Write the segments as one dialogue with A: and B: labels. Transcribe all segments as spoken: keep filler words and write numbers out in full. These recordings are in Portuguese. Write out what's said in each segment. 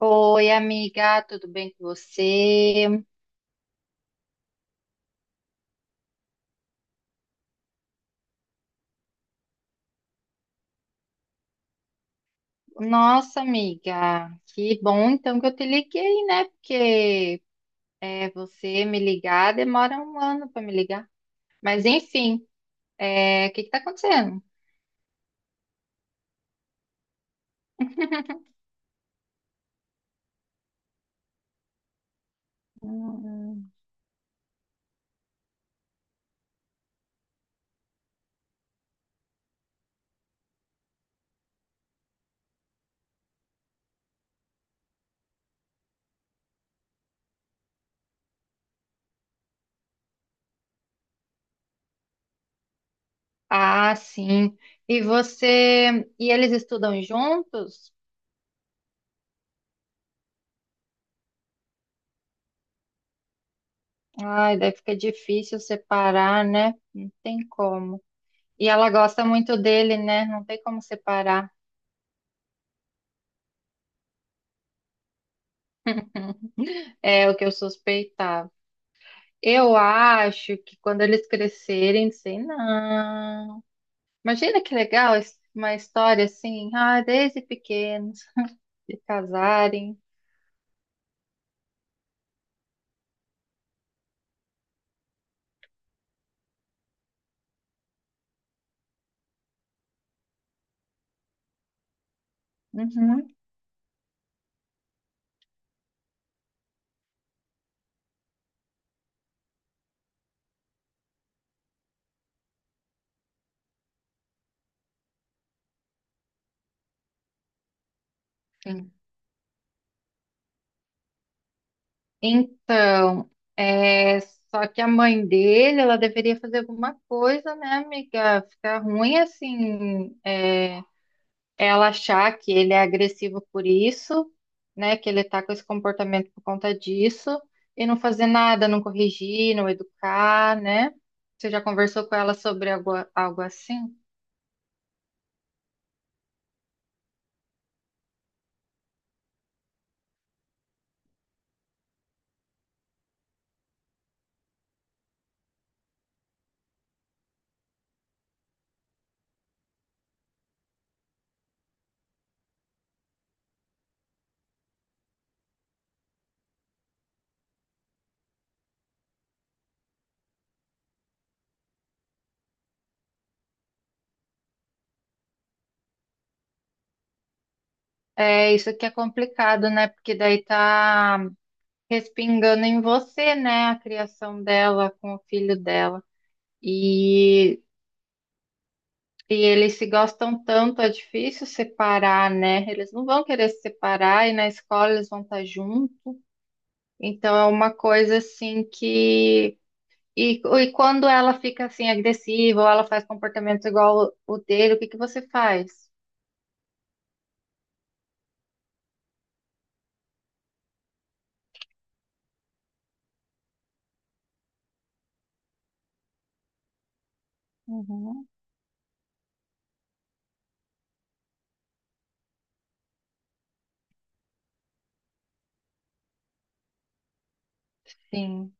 A: Oi, amiga, tudo bem com você? Nossa, amiga, que bom então que eu te liguei, né? Porque é, você me ligar demora um ano para me ligar. Mas enfim, é, o que que tá acontecendo? Hum. Ah, sim. E você e eles estudam juntos? Ai, daí fica difícil separar, né? Não tem como. E ela gosta muito dele, né? Não tem como separar. É o que eu suspeitava. Eu acho que quando eles crescerem, sei não. Imagina que legal es- uma história assim, ah, desde pequenos, de casarem. Uhum. Sim. Então, é, só que a mãe dele, ela deveria fazer alguma coisa, né, amiga? Ficar ruim assim, é, ela achar que ele é agressivo por isso, né? Que ele tá com esse comportamento por conta disso, e não fazer nada, não corrigir, não educar, né? Você já conversou com ela sobre algo, algo assim? É, isso que é complicado, né? Porque daí tá respingando em você, né? A criação dela com o filho dela. E, e eles se gostam tanto, é difícil separar, né? Eles não vão querer se separar e na escola eles vão estar juntos. Então é uma coisa assim que. E, e quando ela fica assim agressiva ou ela faz comportamentos igual o, o dele, o que que você faz? Uhum. Sim.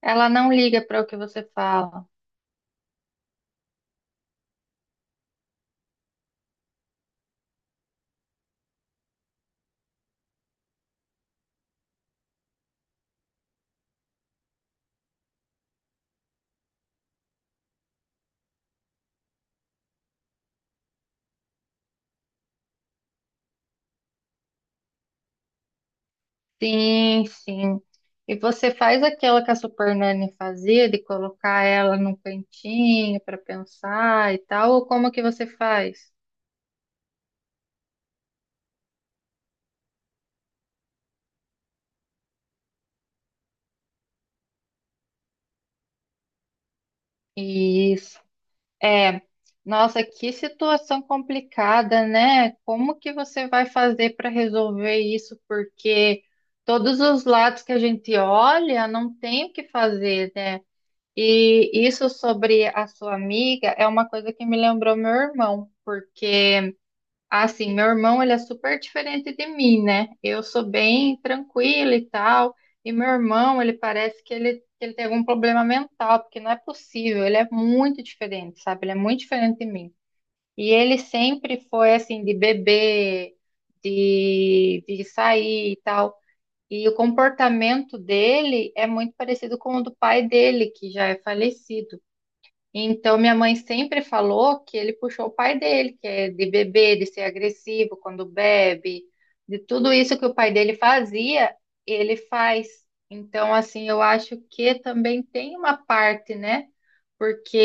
A: Ela não liga para o que você fala. Sim, sim. E você faz aquilo que a Super Nanny fazia, de colocar ela num cantinho para pensar e tal, ou como que você faz? Isso. É, nossa, que situação complicada, né? Como que você vai fazer para resolver isso? Porque todos os lados que a gente olha, não tem o que fazer, né? E isso sobre a sua amiga é uma coisa que me lembrou meu irmão, porque assim, meu irmão, ele é super diferente de mim, né? Eu sou bem tranquila e tal, e meu irmão, ele parece que ele, que ele tem algum problema mental, porque não é possível, ele é muito diferente, sabe? Ele é muito diferente de mim. E ele sempre foi assim, de beber, de, de sair e tal. E o comportamento dele é muito parecido com o do pai dele, que já é falecido. Então, minha mãe sempre falou que ele puxou o pai dele, que é de beber, de ser agressivo quando bebe, de tudo isso que o pai dele fazia, ele faz. Então, assim, eu acho que também tem uma parte, né? Porque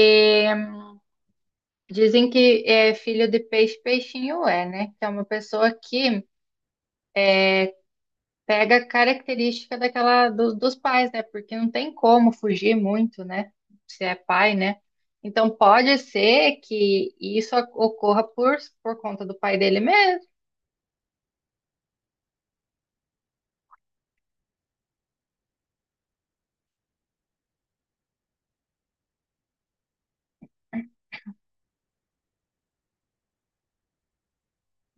A: dizem que é filho de peixe, peixinho é, né? Que é uma pessoa que pega a característica daquela do- dos pais, né? Porque não tem como fugir muito, né? Se é pai, né? Então pode ser que isso ocorra por, por conta do pai dele mesmo.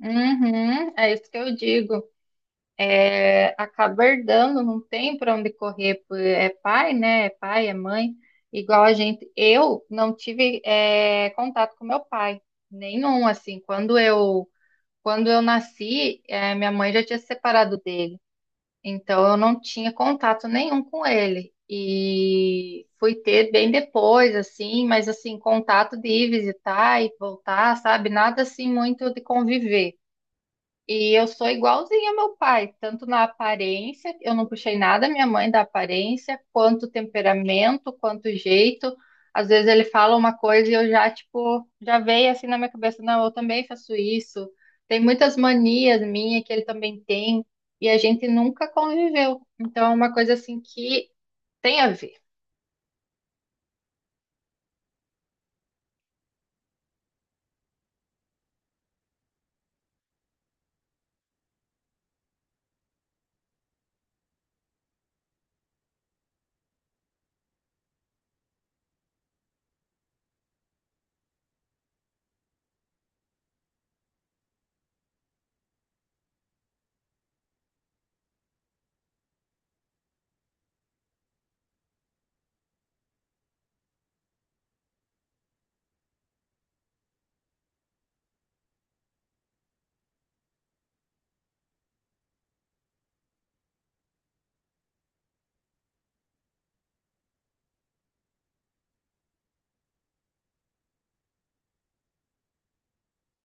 A: Uhum, é isso que eu digo. É, acaba herdando, não tem para onde correr. por- É pai, né? É pai, é mãe. Igual a gente. Eu não tive é, contato com meu pai, nenhum assim. Quando eu quando eu nasci, eh, minha mãe já tinha se separado dele. Então eu não tinha contato nenhum com ele. E fui ter bem depois, assim, mas assim, contato de ir visitar e voltar, sabe? Nada assim muito de conviver. E eu sou igualzinha ao meu pai, tanto na aparência, eu não puxei nada minha mãe da aparência, quanto temperamento, quanto jeito. Às vezes ele fala uma coisa e eu já, tipo, já veio assim na minha cabeça, não, eu também faço isso. Tem muitas manias minhas que ele também tem, e a gente nunca conviveu. Então é uma coisa assim que tem a ver.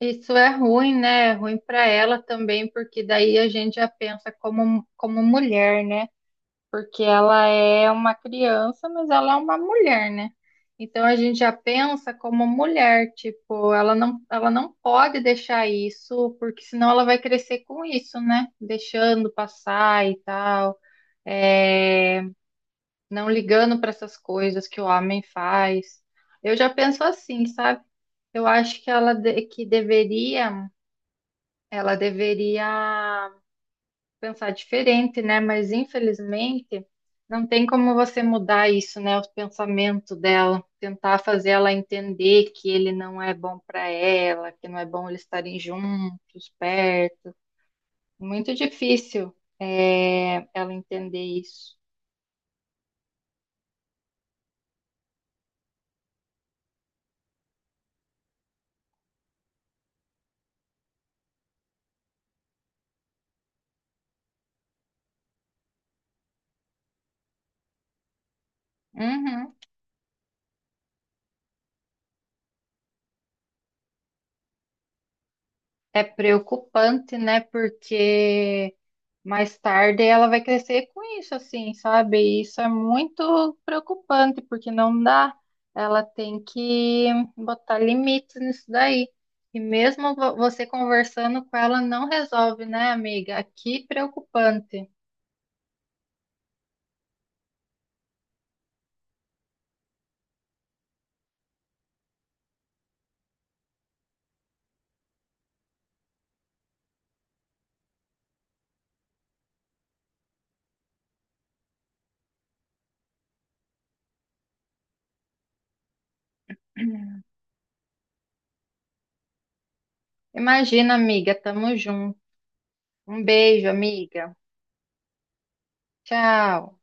A: Isso é ruim, né? É ruim para ela também, porque daí a gente já pensa como, como mulher, né? Porque ela é uma criança, mas ela é uma mulher, né? Então a gente já pensa como mulher, tipo, ela não, ela não pode deixar isso, porque senão ela vai crescer com isso, né? Deixando passar e tal, é, não ligando para essas coisas que o homem faz. Eu já penso assim, sabe? Eu acho que ela de- que deveria, ela deveria pensar diferente, né? Mas infelizmente não tem como você mudar isso, né? O pensamento dela, tentar fazer ela entender que ele não é bom para ela, que não é bom eles estarem juntos, perto. Muito difícil é, ela entender isso. Uhum. É preocupante, né? Porque mais tarde ela vai crescer com isso, assim, sabe? E isso é muito preocupante, porque não dá. Ela tem que botar limites nisso daí. E mesmo vo- você conversando com ela não resolve, né, amiga? Que preocupante. Imagina, amiga, tamo junto. Um beijo, amiga. Tchau.